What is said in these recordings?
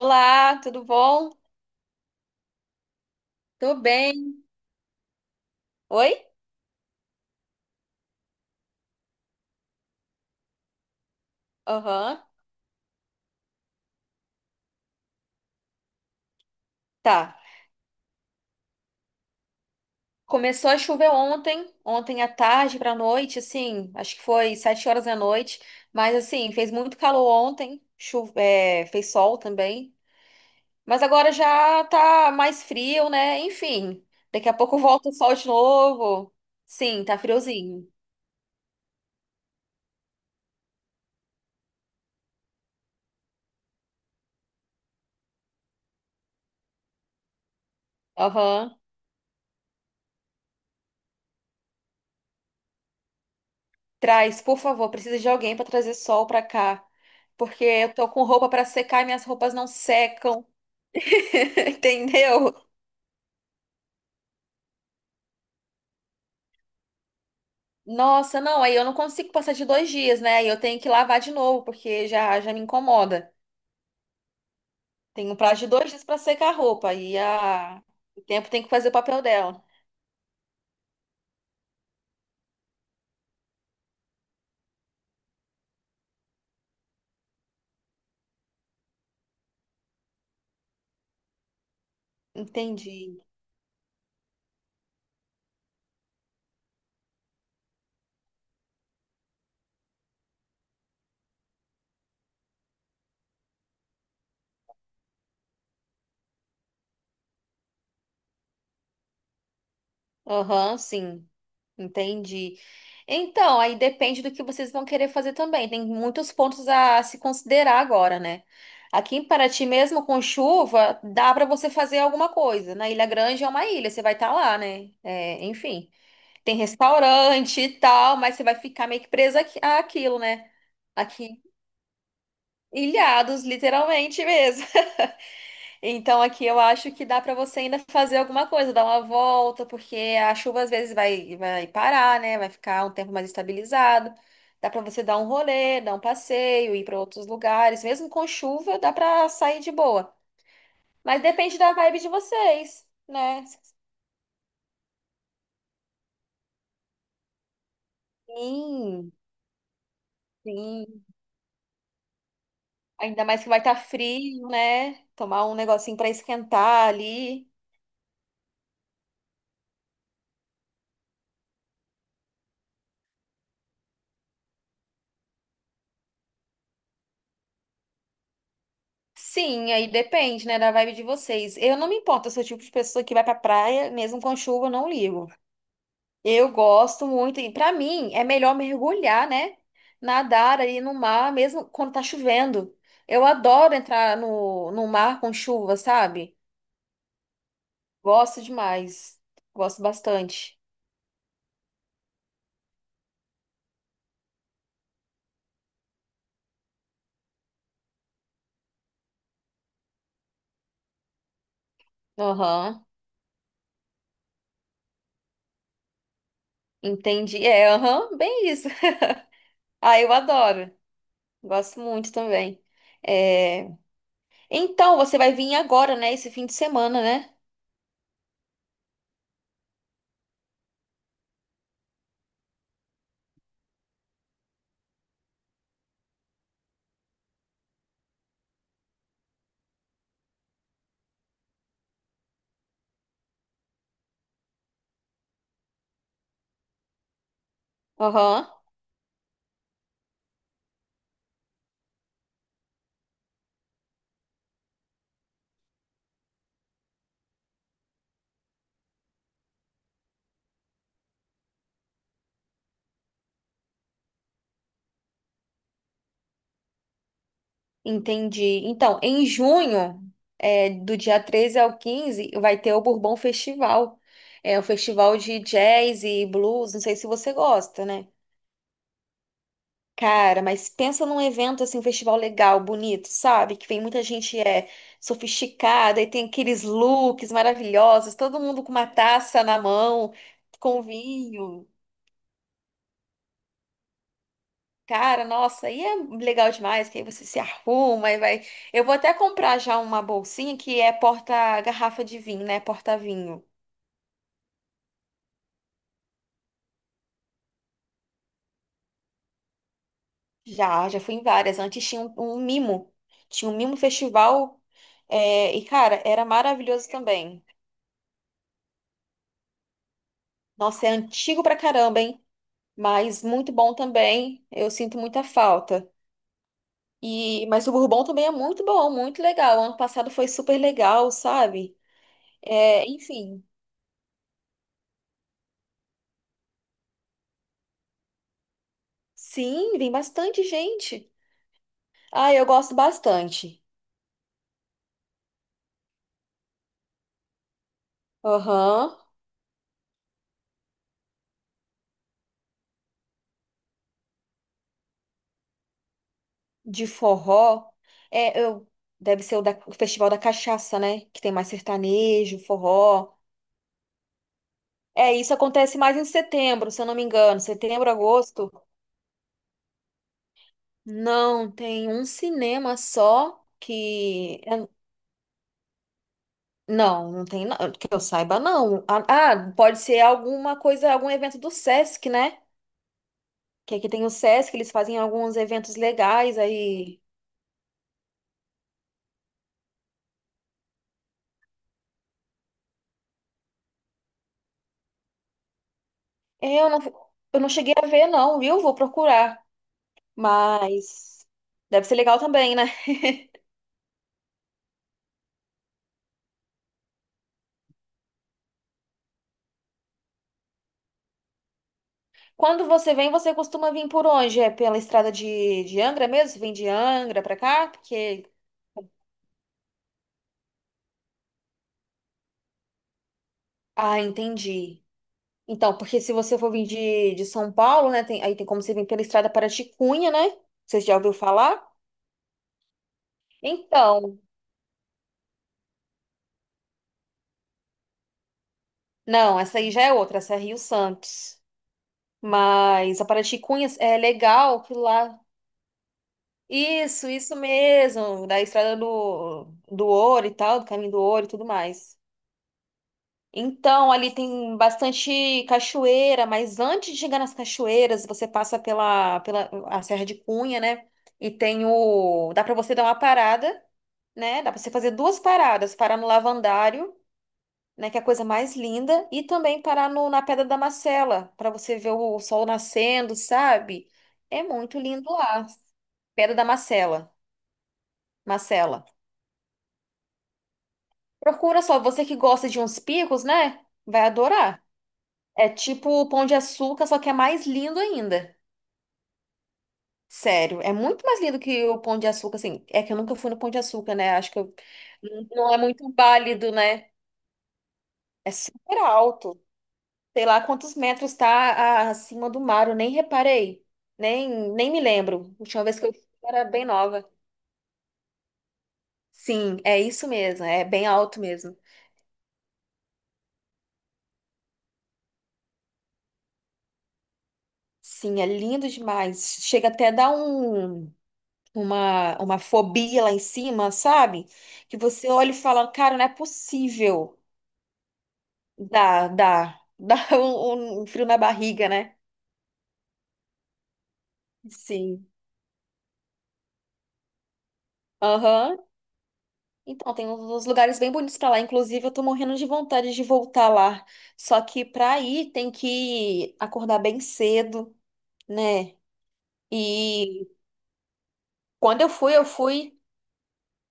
Olá, tudo bom? Tô bem. Oi? Aham. Tá. Começou a chover ontem à tarde pra noite, assim, acho que foi 7 horas da noite, mas assim, fez muito calor ontem, fez sol também, mas agora já tá mais frio, né? Enfim, daqui a pouco volta o sol de novo. Sim, tá friozinho. Aham. Traz, por favor, precisa de alguém pra trazer sol pra cá, porque eu tô com roupa pra secar e minhas roupas não secam. Entendeu? Nossa, não, aí eu não consigo passar de 2 dias, né? Aí eu tenho que lavar de novo, porque já me incomoda. Tem um prazo de 2 dias para secar a roupa, e a... o tempo tem que fazer o papel dela. Entendi. Aham, sim, entendi. Então, aí depende do que vocês vão querer fazer também. Tem muitos pontos a se considerar agora, né? Aqui em Paraty, mesmo com chuva, dá para você fazer alguma coisa. Na Ilha Grande é uma ilha, você vai estar lá, né? É, enfim. Tem restaurante e tal, mas você vai ficar meio que presa aqui- àquilo, né? Aqui, ilhados, literalmente mesmo. Então aqui eu acho que dá pra você ainda fazer alguma coisa, dar uma volta, porque a chuva às vezes vai parar, né? Vai ficar um tempo mais estabilizado. Dá pra você dar um rolê, dar um passeio, ir pra outros lugares. Mesmo com chuva, dá pra sair de boa. Mas depende da vibe de vocês, né? Sim, sim. Ainda mais que vai estar frio, né? Tomar um negocinho pra esquentar ali. Sim, aí depende, né, da vibe de vocês. Eu não me importo, eu sou o tipo de pessoa que vai pra praia, mesmo com chuva, eu não ligo. Eu gosto muito, e pra mim é melhor mergulhar, né? Nadar ali no mar, mesmo quando tá chovendo. Eu adoro entrar no mar com chuva, sabe? Gosto demais. Gosto bastante. Aham, entendi. É, aham, bem isso. Ah, eu adoro. Gosto muito também. É, então, você vai vir agora, né? Esse fim de semana, né? Aham, entendi. Então, em junho, do dia 13 ao 15, vai ter o Bourbon Festival. É um festival de jazz e blues, não sei se você gosta, né? Cara, mas pensa num evento assim, um festival legal, bonito, sabe? Que vem muita gente sofisticada e tem aqueles looks maravilhosos, todo mundo com uma taça na mão, com vinho. Cara, nossa, aí é legal demais, que aí você se arruma e vai. Eu vou até comprar já uma bolsinha que é porta-garrafa de vinho, né? Porta-vinho. Já, já fui em várias. Antes tinha um mimo. Tinha um mimo festival. E, cara, era maravilhoso também. Nossa, é antigo pra caramba, hein? Mas muito bom também. Eu sinto muita falta. E, mas o Bourbon também é muito bom, muito legal. Ano passado foi super legal, sabe? É, enfim. Sim, vem bastante gente. Ah, eu gosto bastante. Aham. De forró. É, eu deve ser o Festival da Cachaça, né? Que tem mais sertanejo, forró. É, isso acontece mais em setembro, se eu não me engano. Setembro, agosto. Não, tem um cinema só que é- não, não tem, não, que eu saiba não. Ah, ah, pode ser alguma coisa, algum evento do Sesc, né? Que aqui tem o Sesc, eles fazem alguns eventos legais aí. É, eu não, eu não cheguei a ver, não, viu? Vou procurar. Mas deve ser legal também, né? Quando você vem, você costuma vir por onde? É pela estrada de Angra mesmo? Você vem de Angra pra cá? Porque. Ah, entendi. Então, porque se você for vir de São Paulo, né? Tem- aí tem como você vir pela estrada Paraticunha, né? Você já ouviu falar? Então, não, essa aí já é outra, essa é Rio Santos. Mas a Paraticunha é legal que lá. Isso mesmo, da estrada do ouro e tal, do caminho do ouro e tudo mais. Então, ali tem bastante cachoeira, mas antes de chegar nas cachoeiras, você passa pela a Serra de Cunha, né? E tem o. Dá para você dar uma parada, né? Dá para você fazer duas paradas: parar no Lavandário, né? Que é a coisa mais linda, e também parar no, na Pedra da Macela, para você ver o sol nascendo, sabe? É muito lindo lá. Pedra da Macela. Macela. Procura só, você que gosta de uns picos, né? Vai adorar. É tipo o Pão de Açúcar, só que é mais lindo ainda. Sério, é muito mais lindo que o Pão de Açúcar, assim. É que eu nunca fui no Pão de Açúcar, né? Acho que eu... Não, não é muito válido, né? É super alto. Sei lá quantos metros tá a- acima do mar, eu nem reparei. Nem me lembro. A última vez que eu fui eu era bem nova. Sim, é isso mesmo, é bem alto mesmo. Sim, é lindo demais. Chega até a dar um. Uma fobia lá em cima, sabe? Que você olha e fala, cara, não é possível. Dá um frio na barriga, né? Sim. Aham. Então, tem uns lugares bem bonitos pra lá. Inclusive, eu tô morrendo de vontade de voltar lá. Só que pra ir tem que acordar bem cedo, né? E quando eu fui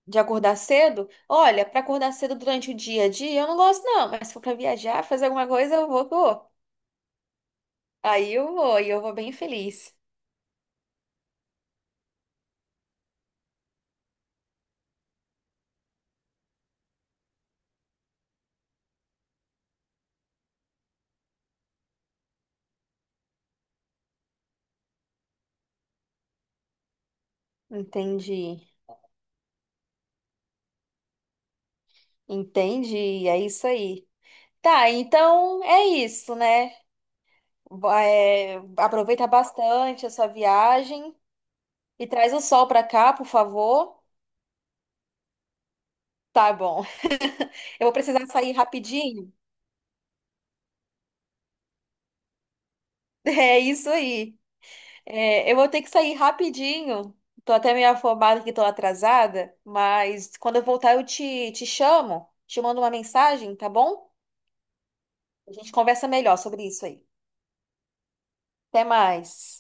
de acordar cedo. Olha, pra acordar cedo durante o dia a dia, eu não gosto, não. Mas se for pra viajar, fazer alguma coisa, eu vou. Aí eu vou, e eu vou bem feliz. Entendi, entendi, é isso aí. Tá, então é isso, né? Aproveita bastante a sua viagem e traz o sol pra cá, por favor. Tá bom. Eu vou precisar sair rapidinho. É isso aí. É, eu vou ter que sair rapidinho. Tô até meio afobada que tô atrasada, mas quando eu voltar eu te chamo, te mando uma mensagem, tá bom? A gente conversa melhor sobre isso aí. Até mais.